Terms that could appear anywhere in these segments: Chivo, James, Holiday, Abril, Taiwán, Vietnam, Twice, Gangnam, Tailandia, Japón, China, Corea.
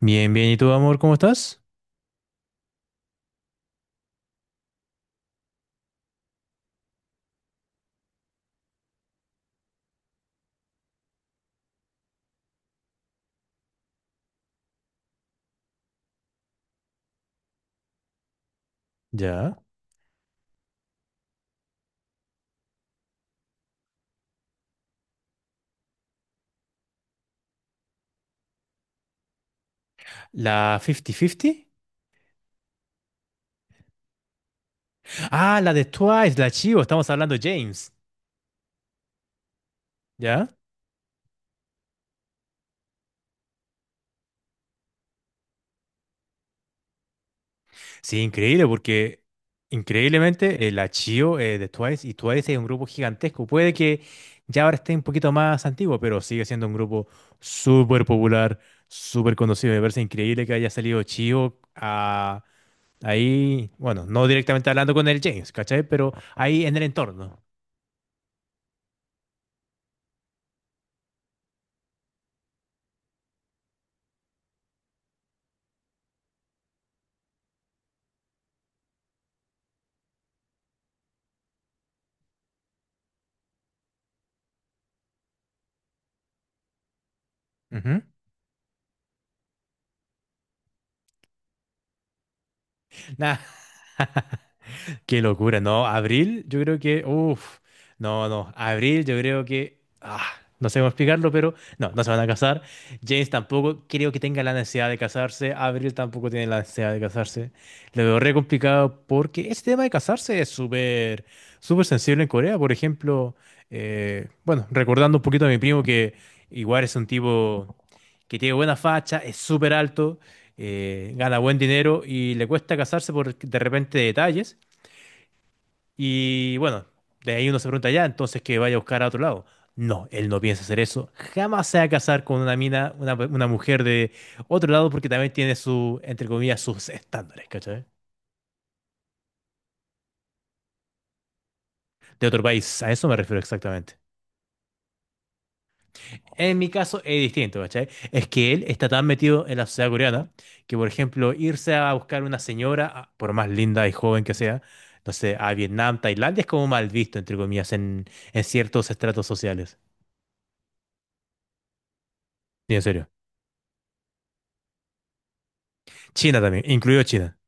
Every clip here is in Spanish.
Bien, bien. ¿Y tú, amor, cómo estás? Ya. ¿La 50-50? Ah, la de Twice, la Chivo. Estamos hablando de James. ¿Ya? Sí, increíble, porque increíblemente la Chivo de Twice y Twice es un grupo gigantesco. Puede que ya ahora esté un poquito más antiguo, pero sigue siendo un grupo súper popular, súper conocido. Me parece increíble que haya salido Chivo a, ahí, bueno, no directamente hablando con el James, ¿cachai? Pero ahí en el entorno. Ujú. Nah. Qué locura, ¿no? Abril, yo creo que, uff, no, no, Abril, yo creo que, no sé cómo explicarlo, pero no, no se van a casar. James tampoco creo que tenga la necesidad de casarse. Abril tampoco tiene la necesidad de casarse. Lo veo re complicado porque ese tema de casarse es súper, súper sensible en Corea. Por ejemplo, bueno, recordando un poquito a mi primo que igual es un tipo que tiene buena facha, es súper alto, gana buen dinero y le cuesta casarse por de repente detalles. Y bueno, de ahí uno se pregunta ya, entonces que vaya a buscar a otro lado. No, él no piensa hacer eso. Jamás se va a casar con una mina, una, mujer de otro lado, porque también tiene su, entre comillas, sus estándares, ¿cachai? De otro país, a eso me refiero exactamente. En mi caso es distinto, ¿cachai? Es que él está tan metido en la sociedad coreana que, por ejemplo, irse a buscar una señora, a- por más linda y joven que sea, no sé, a Vietnam, Tailandia, es como mal visto, entre comillas, en ciertos estratos sociales. Y en serio. China también, incluido China.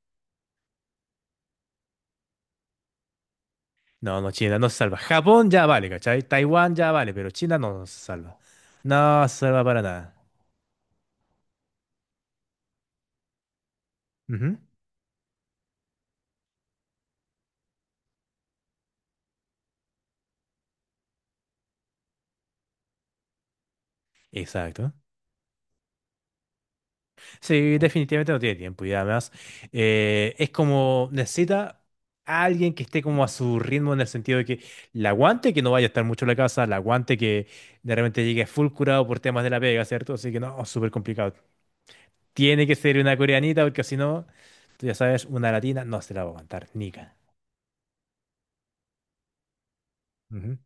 No, no, China no se salva. Japón ya vale, ¿cachai? Taiwán ya vale, pero China no se salva. No se salva para nada. Ujú, exacto. Sí, definitivamente no tiene tiempo y además es como necesita a alguien que esté como a su ritmo en el sentido de que la aguante, que no vaya a estar mucho en la casa, la aguante que de repente llegue full curado por temas de la pega, ¿cierto? Así que no, súper complicado. Tiene que ser una coreanita porque si no, tú ya sabes, una latina no se la va a aguantar, nica. Ujú,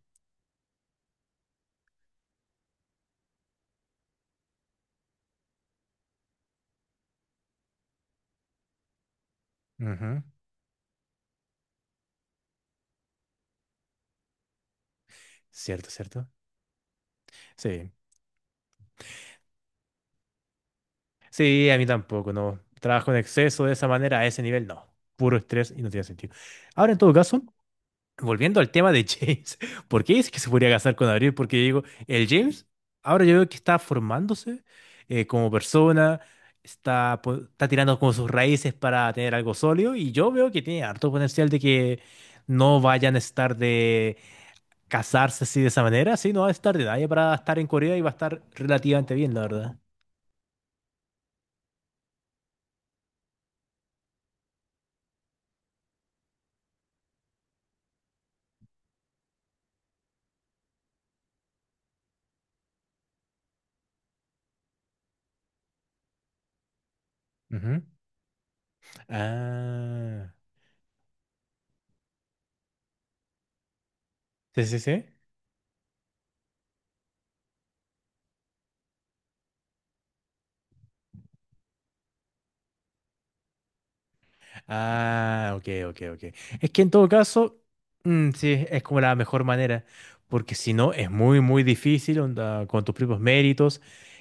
ujú. Cierto, cierto. Sí. Sí, a mí tampoco, no. Trabajo en exceso de esa manera, a ese nivel, no. Puro estrés y no tiene sentido. Ahora, en todo caso, volviendo al tema de James, ¿por qué dice que se podría casar con Abril? Porque digo, el James, ahora yo veo que está formándose como persona, está, po- está tirando como sus raíces para tener algo sólido, y yo veo que tiene harto potencial de que no vayan a estar de casarse así de esa manera, sí, no va a estar de nadie para estar en Corea y va a estar relativamente bien, la verdad. Ah, sí, sí, sí. Ah, ok, ok, ok. Es que en todo caso, mm, sí, es como la mejor manera, porque si no, es muy, muy difícil, onda, con tus propios méritos,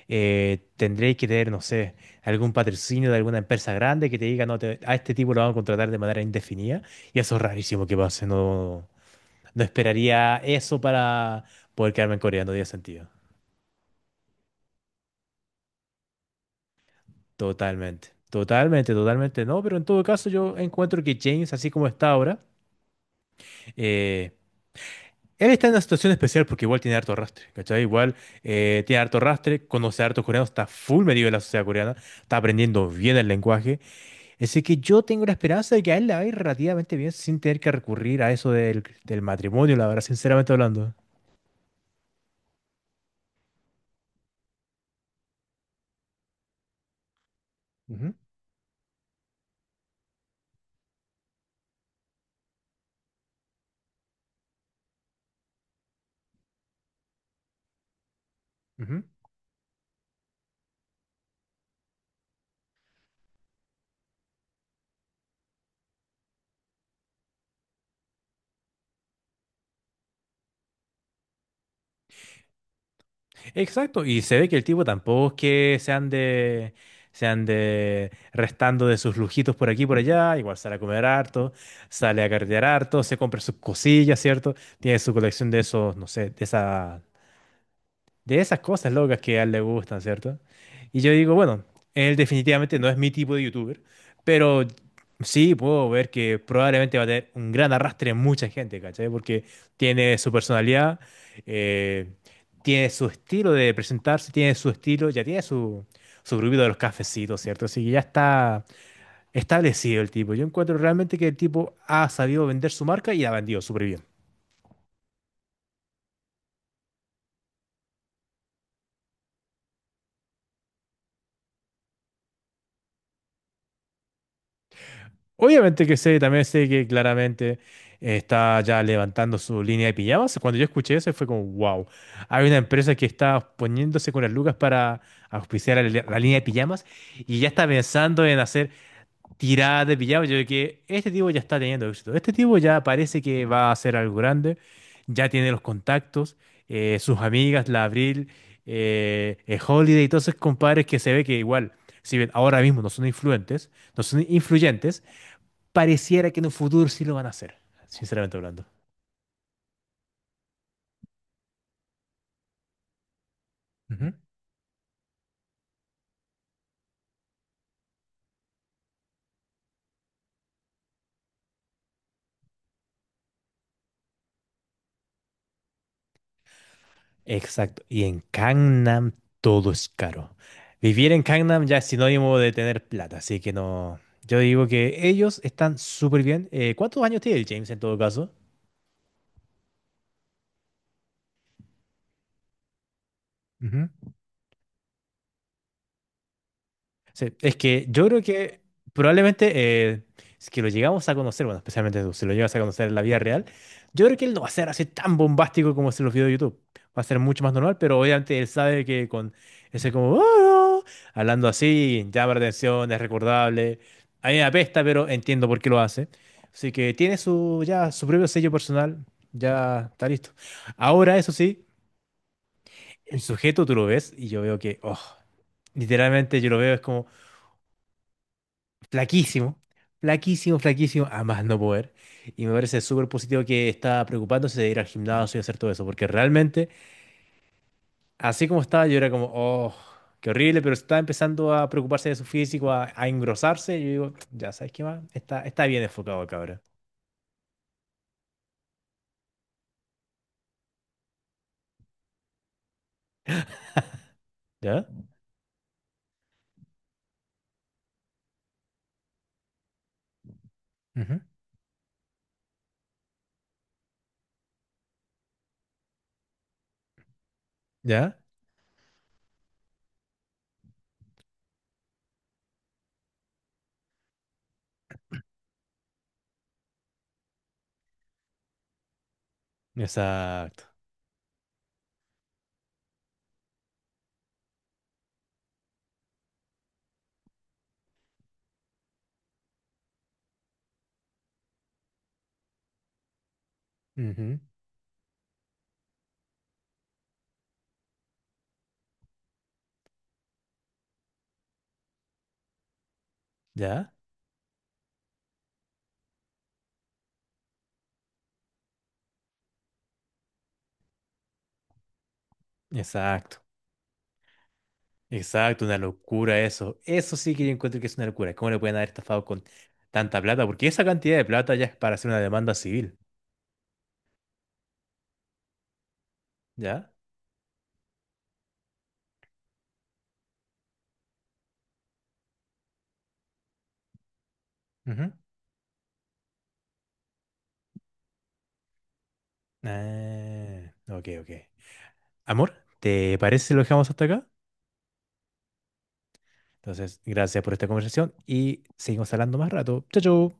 tendréis que tener, no sé, algún patrocinio de alguna empresa grande que te diga, no, te- a este tipo lo van a contratar de manera indefinida, y eso es rarísimo que pase, no, no esperaría eso para poder quedarme en Corea, no tiene sentido. Totalmente, totalmente, totalmente. No, pero en todo caso yo encuentro que James, así como está ahora, eh, él está en una situación especial porque igual tiene harto rastre, ¿cachai? Igual tiene harto rastre, conoce a hartos coreanos, está full metido en la sociedad coreana, está aprendiendo bien el lenguaje. Así que yo tengo la esperanza de que a él le va a ir relativamente bien sin tener que recurrir a eso del matrimonio, la verdad, sinceramente hablando. Ujú, ujú. Exacto, y se ve que el tipo tampoco es que se ande restando de sus lujitos por aquí y por allá, igual sale a comer harto, sale a carretear harto, se compra sus cosillas, ¿cierto? Tiene su colección de esos, no sé, de esas cosas locas que a él le gustan, ¿cierto? Y yo digo, bueno, él definitivamente no es mi tipo de youtuber, pero sí puedo ver que probablemente va a tener un gran arrastre en mucha gente, ¿cachai? Porque tiene su personalidad, eh, tiene su estilo de presentarse, tiene su estilo, ya tiene su, su grupito de los cafecitos, ¿cierto? Así que ya está establecido el tipo. Yo encuentro realmente que el tipo ha sabido vender su marca y la ha vendido súper bien. Obviamente que sé, también sé que claramente está ya levantando su línea de pijamas. Cuando yo escuché eso fue como, wow, hay una empresa que está poniéndose con las lucas para auspiciar la línea de pijamas y ya está pensando en hacer tiradas de pijamas. Yo creo que este tipo ya está teniendo éxito. Este tipo ya parece que va a hacer algo grande, ya tiene los contactos, sus amigas, la Abril, Holiday y todos esos compadres que se ve que igual, si bien ahora mismo no son influentes, no son influyentes, pareciera que en un futuro sí lo van a hacer, sinceramente hablando. Ujú. Exacto. Y en Gangnam todo es caro. Vivir en Gangnam ya es sinónimo de tener plata, así que no. Yo digo que ellos están súper bien. ¿Cuántos años tiene el James en todo caso? Sí, es que yo creo que probablemente eh, si que lo llegamos a conocer, bueno, especialmente tú, si lo llegas a conocer en la vida real, yo creo que él no va a ser así tan bombástico como se los videos de YouTube. Va a ser mucho más normal, pero obviamente él sabe que con ese como, "Ah", hablando así, llama la atención, es recordable. A mí me apesta, pero entiendo por qué lo hace. Así que tiene su, ya, su propio sello personal, ya está listo. Ahora, eso sí, el sujeto tú lo ves y yo veo que, oh, literalmente yo lo veo, es como... flaquísimo, flaquísimo, flaquísimo, a más no poder. Y me parece súper positivo que está preocupándose de ir al gimnasio y hacer todo eso, porque realmente, así como estaba, yo era como, oh, qué horrible, pero estaba empezando a preocuparse de su físico, a engrosarse. Y yo digo, ya, ¿sabes qué más? Está, está bien enfocado, cabra. ¿Ya? Ujú. ¿Ya? Exacto. Ujú. ¿Ya? Exacto. Exacto, una locura eso. Eso sí que yo encuentro que es una locura. ¿Cómo le pueden haber estafado con tanta plata? Porque esa cantidad de plata ya es para hacer una demanda civil. Ya. Ujú. Ah, ok, ok. Amor, ¿te parece si lo dejamos hasta acá? Entonces, gracias por esta conversación y seguimos hablando más rato. Chao, chao.